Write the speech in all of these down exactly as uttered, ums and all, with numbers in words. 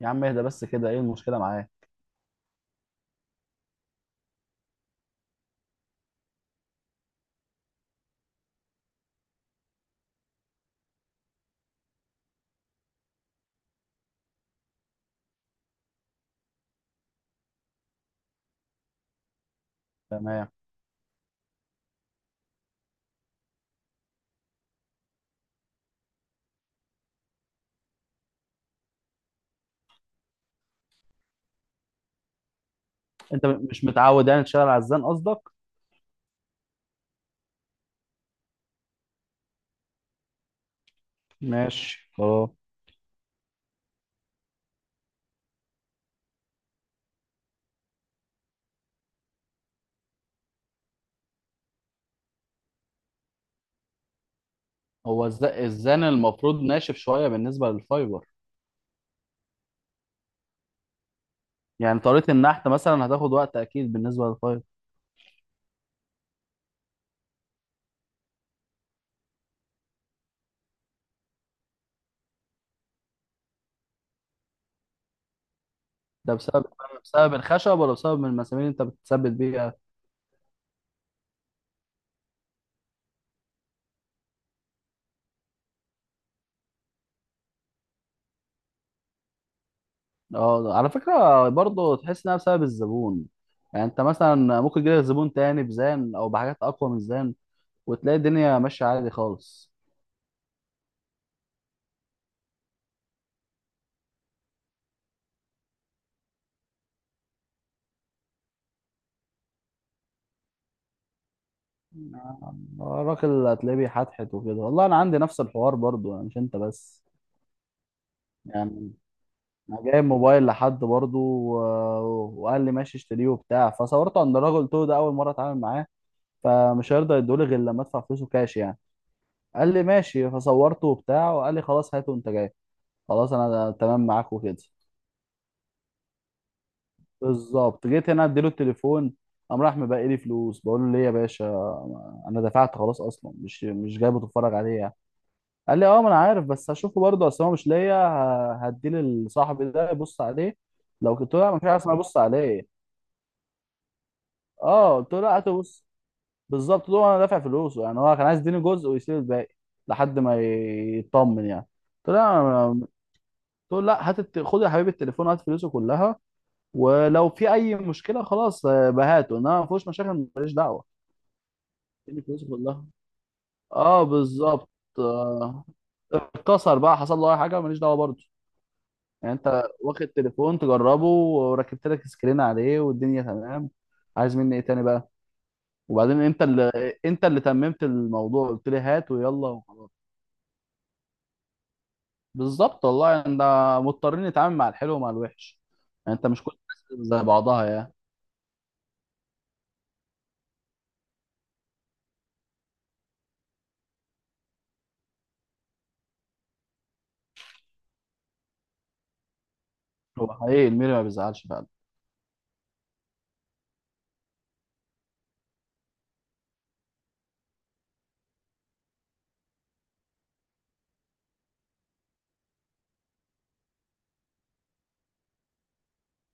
يا عم اهدى بس كده، ايه المشكله معاه؟ تمام. انت م- مش متعود يعني تشتغل على الزان قصدك؟ ماشي خلاص. هو الز- الزان المفروض ناشف شويه بالنسبه للفايبر. يعني طريقه النحت مثلا هتاخد وقت اكيد بالنسبه للفايبر. ده بسبب، بسبب الخشب ولا بسبب المسامير اللي انت بتثبت بيها؟ اه، على فكره برضه تحس انها بسبب الزبون. يعني انت مثلا ممكن يجيلك زبون تاني بزان او بحاجات اقوى من الزان وتلاقي الدنيا ماشيه عادي خالص. آه، الراجل هتلاقيه بيحتحت وكده، والله انا عندي نفس الحوار برضو يعني، مش انت بس. يعني انا جايب موبايل لحد برضو و... وقال لي ماشي اشتريه وبتاع، فصورته عند الراجل. قلت له ده اول مره اتعامل معاه، فمش هيرضى يدولي غير لما ادفع فلوسه كاش يعني. قال لي ماشي، فصورته وبتاع وقال لي خلاص هاته وانت جاي. خلاص انا تمام معاك وكده. بالظبط، جيت هنا اديله التليفون، قام راح مبقي لي فلوس. بقول له ليه يا باشا؟ انا دفعت خلاص اصلا، مش مش جايبه تتفرج عليه يعني. قال لي اه ما انا عارف، بس هشوفه برضه، اصل هو مش ليا، ه- هديه لصاحبي ده يبص عليه. لو قلت له لا، مش عارف اسمها بص عليه. اه قلت له لا هاته بص. بالظبط، ده انا دافع فلوسه يعني. هو كان عايز يديني جزء ويسيب الباقي لحد ما يطمن يعني. قلت له لا، قلت له لا هات الت- خد يا حبيبي التليفون، هات فلوسه كلها. ولو في اي مشكله خلاص، آه، بهاته، انما ما فيهوش مشاكل ماليش دعوه. اديني فلوسه كلها. اه بالظبط. آه، اتكسر بقى، حصل له اي حاجه، ماليش دعوه برضه. يعني انت واخد تليفون تجربه، وركبت لك سكرين عليه والدنيا تمام. عايز مني ايه تاني بقى؟ وبعدين انت اللي، انت اللي تممت الموضوع، قلت لي هات ويلا وخلاص. بالظبط والله يعني، ده مضطرين نتعامل مع الحلو ومع الوحش. يعني انت مش كل الناس زي بعضها يعني. هو حقيقي الميري ما بيزعلش فعلا.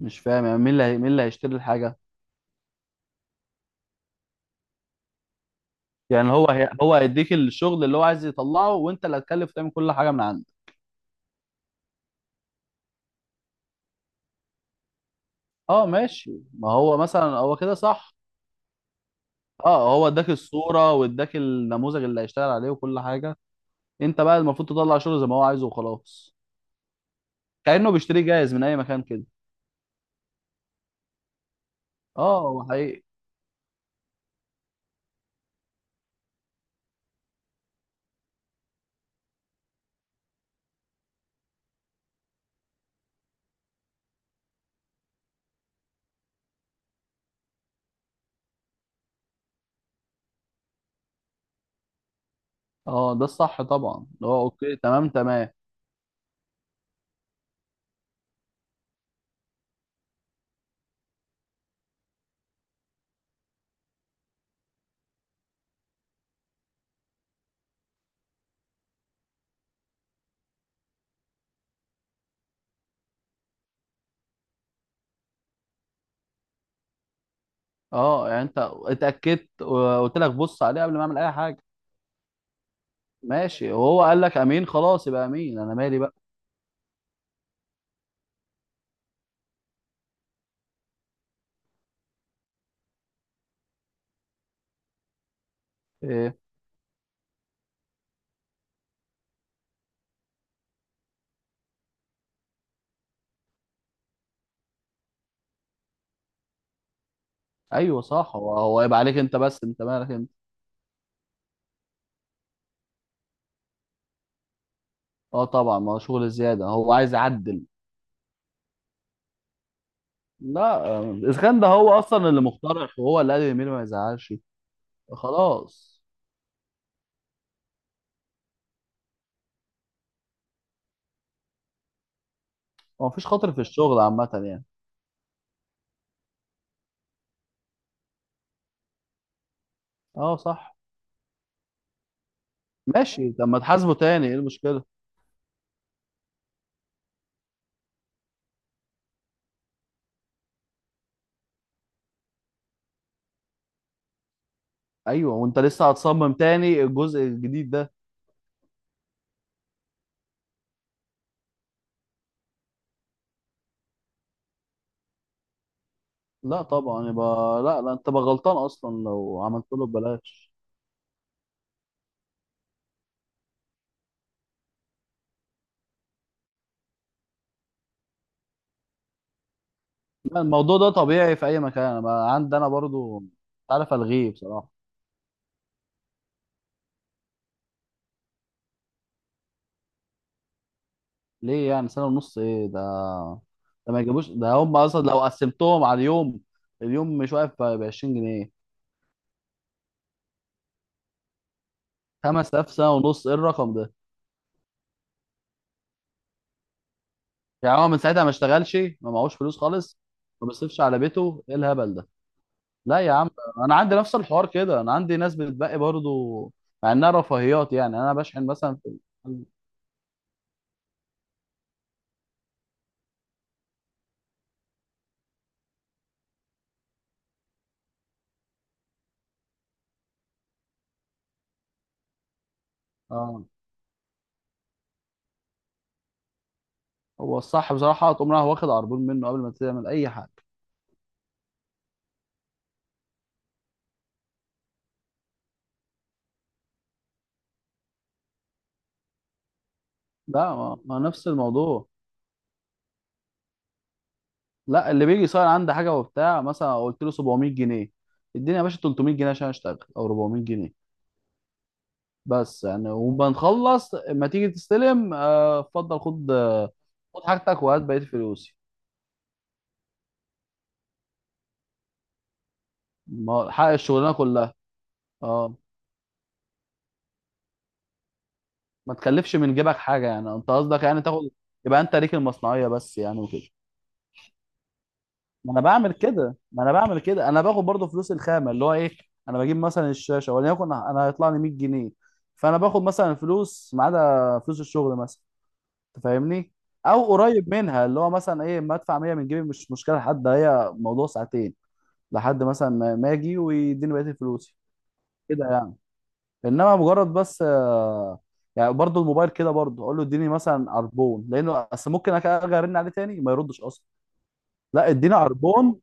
مش فاهم يعني، مين اللي هي- مين اللي هيشتري الحاجه؟ يعني هو هي... هو هيديك الشغل اللي هو عايز يطلعه، وانت اللي هتكلف تعمل كل حاجه من عندك؟ اه ماشي. ما هو مثلا هو كده صح. اه، هو اداك الصورة واداك النموذج اللي هيشتغل عليه وكل حاجة، انت بقى المفروض تطلع شغل زي ما هو عايزه وخلاص. كأنه بيشتريه جاهز من اي مكان كده. اه هو حقيقي. اه، ده الصح طبعا، اللي هو اوكي. تمام تمام. اه يعني انت اتأكدت وقلت لك بص عليه قبل ما اعمل اي حاجة. ماشي، وهو قال لك امين، خلاص يبقى امين، انا مالي بقى. إيه؟ ايوه صح، هو هو يبقى عليك انت بس، انت مالك انت. اه طبعا، ما هو شغل زيادة، هو عايز يعدل. لا آه، الاسخان ده هو اصلا اللي مخترع، وهو اللي قال اليمين ما يزعلش. خلاص. هو مفيش خاطر في الشغل عامة يعني. اه صح. ماشي، طب ما تحاسبه تاني، ايه المشكلة؟ ايوه، وانت لسه هتصمم تاني الجزء الجديد ده. لا طبعا، يبقى لا لا، انت تبقى غلطان اصلا لو عملت له ببلاش. لا الموضوع ده طبيعي في اي مكان، انا بقى عندي انا برضو مش عارف الغيه بصراحة. ليه يعني؟ سنة ونص ايه ده؟ ده ما يجيبوش، ده هم اصلا لو قسمتهم على اليوم، اليوم مش واقف ب عشرين جنيه. خمسة آلاف سنة ونص، ايه الرقم ده؟ يعني هو من ساعتها ما اشتغلش، ما معهوش فلوس خالص؟ ما بيصرفش على بيته؟ ايه الهبل ده؟ لا يا عم، انا عندي نفس الحوار كده، انا عندي ناس بتبقى برضو مع انها رفاهيات يعني. انا بشحن مثلا في ال- اه هو الصح بصراحه تقوم رايح واخد عربون منه قبل ما تعمل اي حاجه. لا، ما ما نفس الموضوع. لا اللي بيجي يصير عنده حاجه وبتاع، مثلا قلت له سبعمية جنيه، اديني يا باشا تلتمية جنيه عشان اشتغل او اربعمية جنيه بس يعني، وبنخلص ما تيجي تستلم، آه، اتفضل خد، آه، خد حاجتك وهات بقية فلوسي. ما- هو حق الشغلانة كلها. اه ما تكلفش من جيبك حاجة يعني، انت قصدك يعني تاخد، يبقى انت ليك المصنعية بس يعني وكده. ما انا بعمل كده ما انا بعمل كده، انا باخد برضه فلوس الخامة اللي هو ايه، انا بجيب مثلا الشاشة وليكن انا هيطلع لي مية جنيه، فانا باخد مثلا فلوس ما عدا فلوس الشغل مثلا، انت فاهمني؟ او قريب منها، اللي هو مثلا ايه ما ادفع مية من جيبي مش مشكلة حد، هي موضوع ساعتين لحد مثلا ما ما اجي ويديني بقيه فلوسي كده يعني. انما مجرد بس آه، يعني برضو الموبايل كده برضو اقول له اديني مثلا عربون، لانه اصل ممكن أك- ارجع ارن عليه تاني ما يردش اصلا. لا اديني عربون.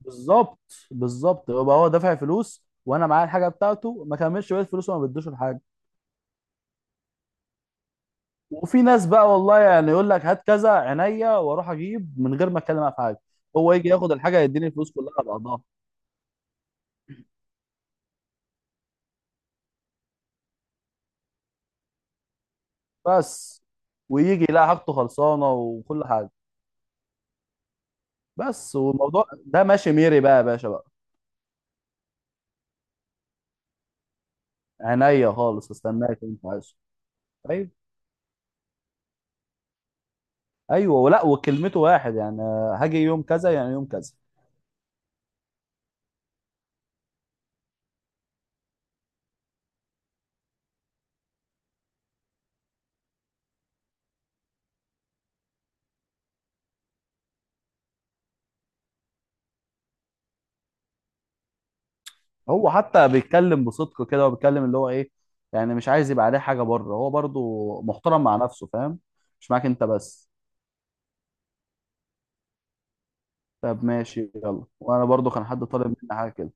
بالظبط، بالظبط، يبقى هو دافع فلوس وانا معايا الحاجه بتاعته، ما كملش بقيه فلوسه وما بدوش الحاجه. وفي ناس بقى والله يعني يقول لك هات كذا عينيا واروح اجيب من غير ما اتكلم معاه في حاجه، هو يجي ياخد الحاجه يديني الفلوس كلها على بعضها. بس ويجي يلاقي حاجته خلصانه وكل حاجه. بس والموضوع ده ماشي ميري بقى يا باشا بقى. عينيا خالص، استناك انت عايز. ايوه. ايوه ولا، وكلمته واحد يعني، آه، هاجي يوم كذا يعني يوم كذا. هو حتى بيتكلم بصدق كده، وبيتكلم اللي هو ايه يعني، مش عايز يبقى عليه حاجه بره، هو برضو محترم مع نفسه، فاهم؟ مش معاك انت بس. طب ماشي يلا، وانا برضو كان حد طالب مني حاجه كده.